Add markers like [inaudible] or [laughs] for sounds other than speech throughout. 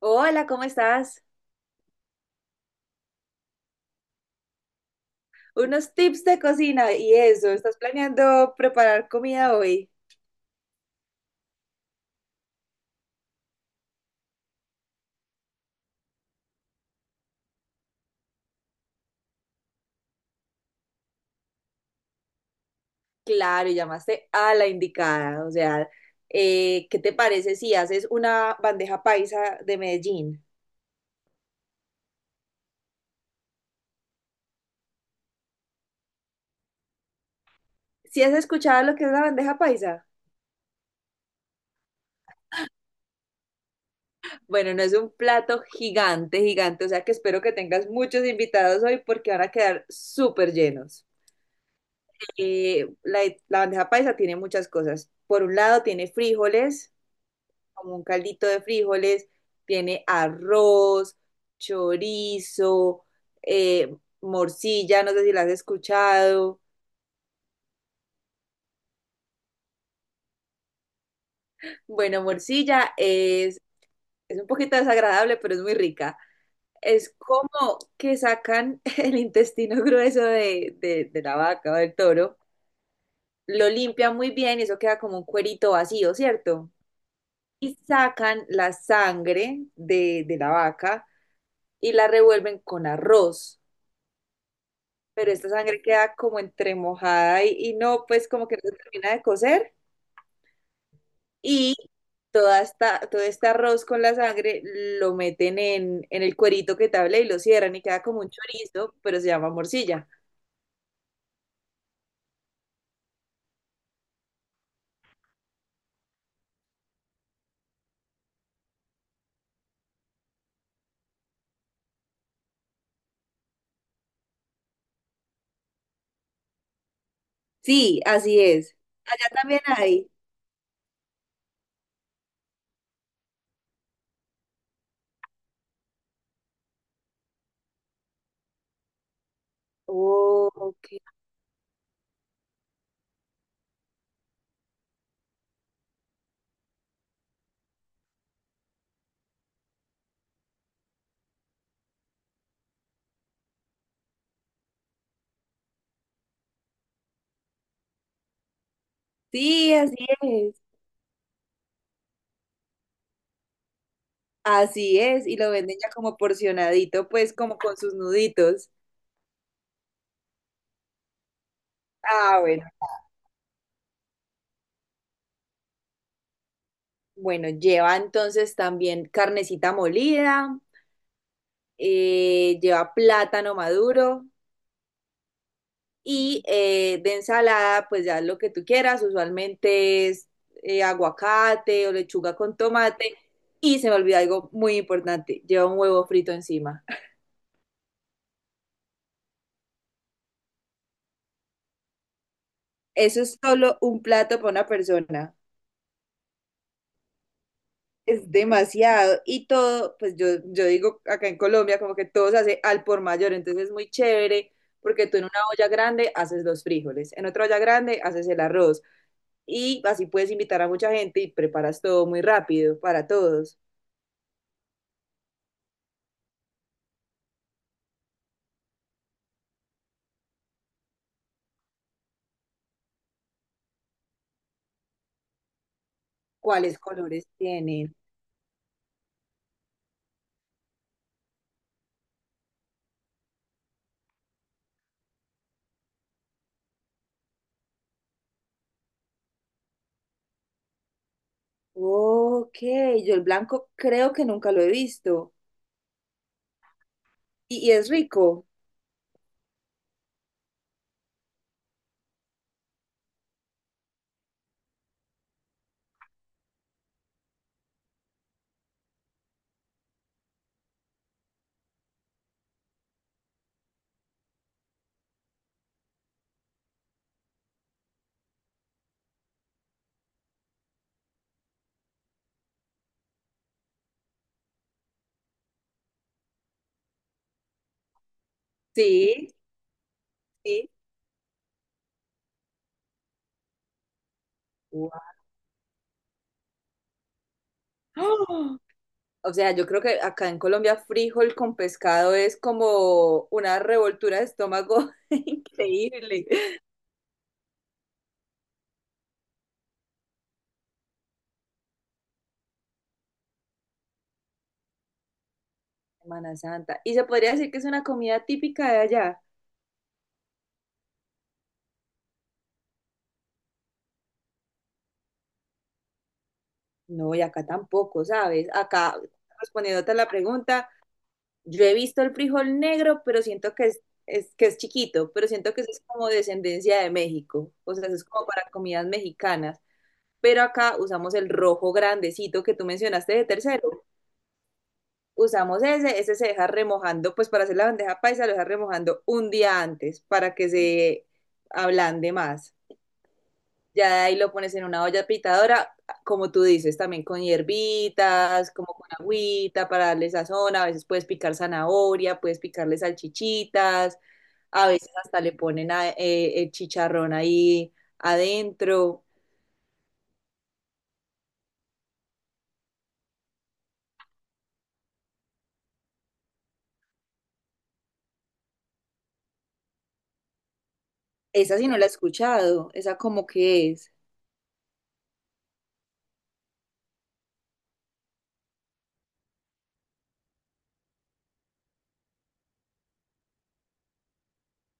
Hola, ¿cómo estás? Unos tips de cocina y eso, ¿estás planeando preparar comida hoy? Claro, y llamaste a la indicada, o sea, ¿qué te parece si haces una bandeja paisa de Medellín? ¿Si has escuchado lo que es la bandeja paisa? Bueno, no es un plato gigante, gigante, o sea que espero que tengas muchos invitados hoy porque van a quedar súper llenos. Eh, la la bandeja paisa tiene muchas cosas. Por un lado tiene frijoles, como un caldito de frijoles, tiene arroz, chorizo, eh, morcilla, no sé si la has escuchado. Bueno, es un poquito desagradable, pero es muy rica. Es como que sacan [laughs] el intestino grueso de la vaca o del toro, lo limpian muy bien y eso queda como un cuerito vacío, ¿cierto? Y sacan la sangre de la vaca y la revuelven con arroz, pero esta sangre queda como entremojada y no, pues como que no se termina de cocer. Y todo este arroz con la sangre lo meten en el cuerito que te hablé y lo cierran y queda como un chorizo, pero se llama morcilla. Sí, así es. Allá también hay. Oh, ok. Sí, así es. Así es. Y lo venden ya como porcionadito, pues como con sus nuditos. Ah, bueno. Bueno, lleva entonces también carnecita molida. Eh, lleva plátano maduro y de ensalada, pues ya lo que tú quieras, usualmente es aguacate o lechuga con tomate. Y se me olvidó algo muy importante, lleva un huevo frito encima. Eso es solo un plato para una persona. Es demasiado. Y todo, pues yo digo acá en Colombia, como que todo se hace al por mayor. Entonces es muy chévere porque tú en una olla grande haces los frijoles, en otra olla grande haces el arroz, y así puedes invitar a mucha gente y preparas todo muy rápido para todos. ¿Cuáles colores tienen? Ok, yo el blanco creo que nunca lo he visto. Y es rico? Sí, sí. Guau. ¡Ah! O sea, yo creo que acá en Colombia frijol con pescado es como una revoltura de estómago [laughs] increíble. Semana Santa. ¿Y se podría decir que es una comida típica de allá? No, y acá tampoco, ¿sabes? Acá, respondiéndote a la pregunta, yo he visto el frijol negro, pero siento que es que es chiquito, pero siento que eso es como descendencia de México, o sea, eso es como para comidas mexicanas. Pero acá usamos el rojo grandecito que tú mencionaste de tercero. Usamos ese se deja remojando, pues para hacer la bandeja paisa lo deja remojando un día antes para que se ablande más. Ya de ahí lo pones en una olla pitadora, como tú dices, también con hierbitas, como con agüita para darle sazón. A veces puedes picar zanahoria, puedes picarle salchichitas, a veces hasta le ponen el chicharrón ahí adentro. Esa sí no la he escuchado, esa como que es.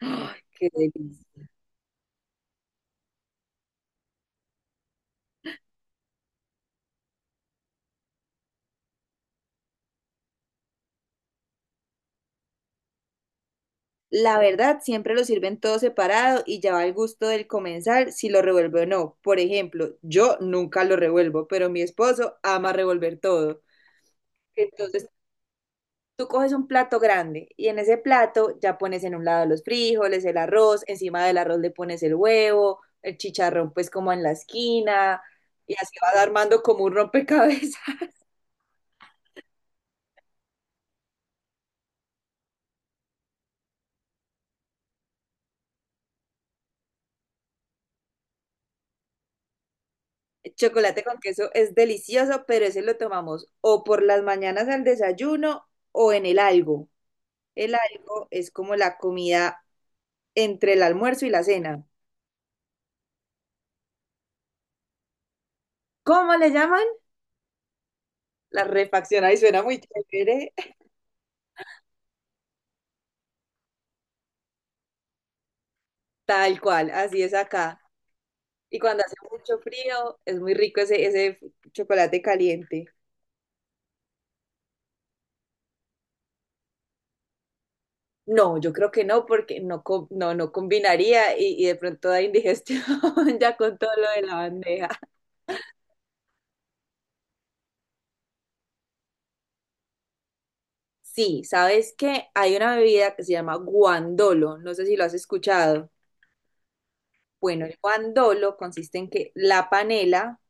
¡Ay, qué delicia! La verdad, siempre lo sirven todo separado y ya va al gusto del comensal si lo revuelve o no. Por ejemplo, yo nunca lo revuelvo, pero mi esposo ama revolver todo. Entonces tú coges un plato grande y en ese plato ya pones en un lado los frijoles, el arroz, encima del arroz le pones el huevo, el chicharrón pues como en la esquina y así vas armando como un rompecabezas. [laughs] El chocolate con queso es delicioso, pero ese lo tomamos o por las mañanas al desayuno o en el algo. El algo es como la comida entre el almuerzo y la cena. ¿Cómo le llaman? La refacción, ahí suena muy chévere. [laughs] Tal cual, así es acá. Y cuando hace mucho frío, es muy rico ese chocolate caliente. No, yo creo que no, porque no, no, no combinaría y de pronto da indigestión [laughs] ya con todo lo de la bandeja. Sí, ¿sabes qué? Hay una bebida que se llama guandolo, no sé si lo has escuchado. Bueno, el guandolo consiste en que la panela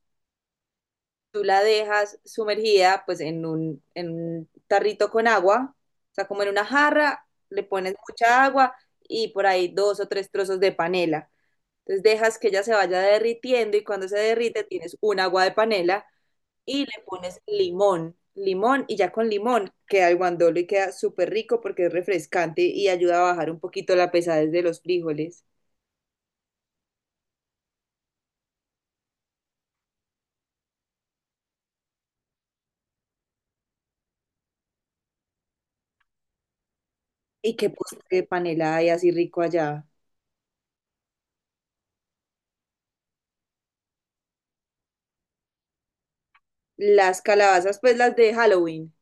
tú la dejas sumergida pues en un tarrito con agua, o sea, como en una jarra, le pones mucha agua y por ahí dos o tres trozos de panela. Entonces dejas que ella se vaya derritiendo y cuando se derrite tienes un agua de panela y le pones limón, limón y ya con limón queda el guandolo y queda súper rico porque es refrescante y ayuda a bajar un poquito la pesadez de los frijoles. ¿Y qué postre de panela hay así rico allá? Las calabazas, pues las de Halloween.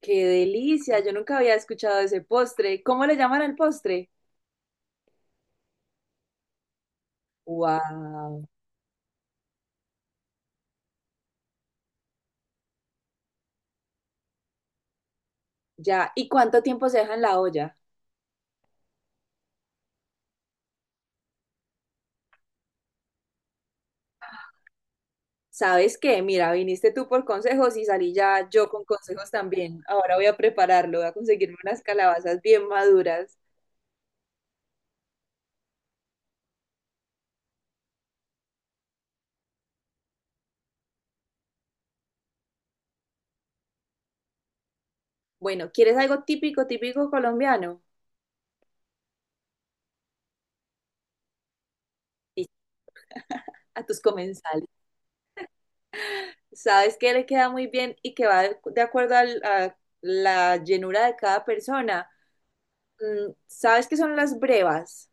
¡Qué delicia! Yo nunca había escuchado ese postre. ¿Cómo le llaman al postre? ¡Wow! Ya. ¿Y cuánto tiempo se deja en la olla? ¿Sabes qué? Mira, viniste tú por consejos y salí ya yo con consejos también. Ahora voy a prepararlo, voy a conseguirme unas calabazas bien maduras. Bueno, ¿quieres algo típico, típico colombiano? Sí, a tus comensales. ¿Sabes qué le queda muy bien y que va de acuerdo a la llenura de cada persona? Mm, ¿sabes qué son las brevas?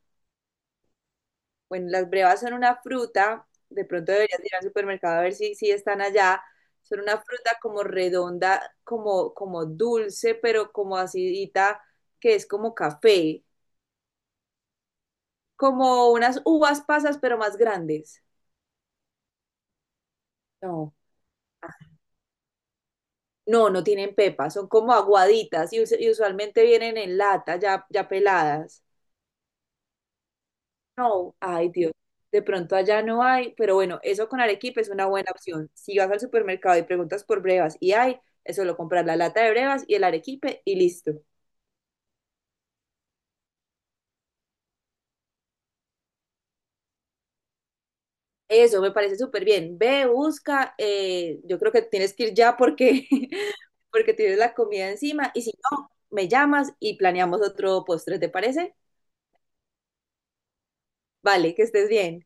Bueno, las brevas son una fruta, de pronto deberías ir al supermercado a ver si, si están allá. Son una fruta como redonda, como, como dulce, pero como acidita, que es como café, como unas uvas pasas, pero más grandes. No. No, no tienen pepa, son como aguaditas y, y usualmente vienen en lata, ya, ya peladas. No, ay Dios, de pronto allá no hay, pero bueno, eso con Arequipa es una buena opción. Si vas al supermercado y preguntas por brevas y hay, es solo comprar la lata de brevas y el arequipe y listo. Eso me parece súper bien. Ve, busca, yo creo que tienes que ir ya porque, [laughs] porque tienes la comida encima y si no, me llamas y planeamos otro postre, ¿te parece? Vale, que estés bien.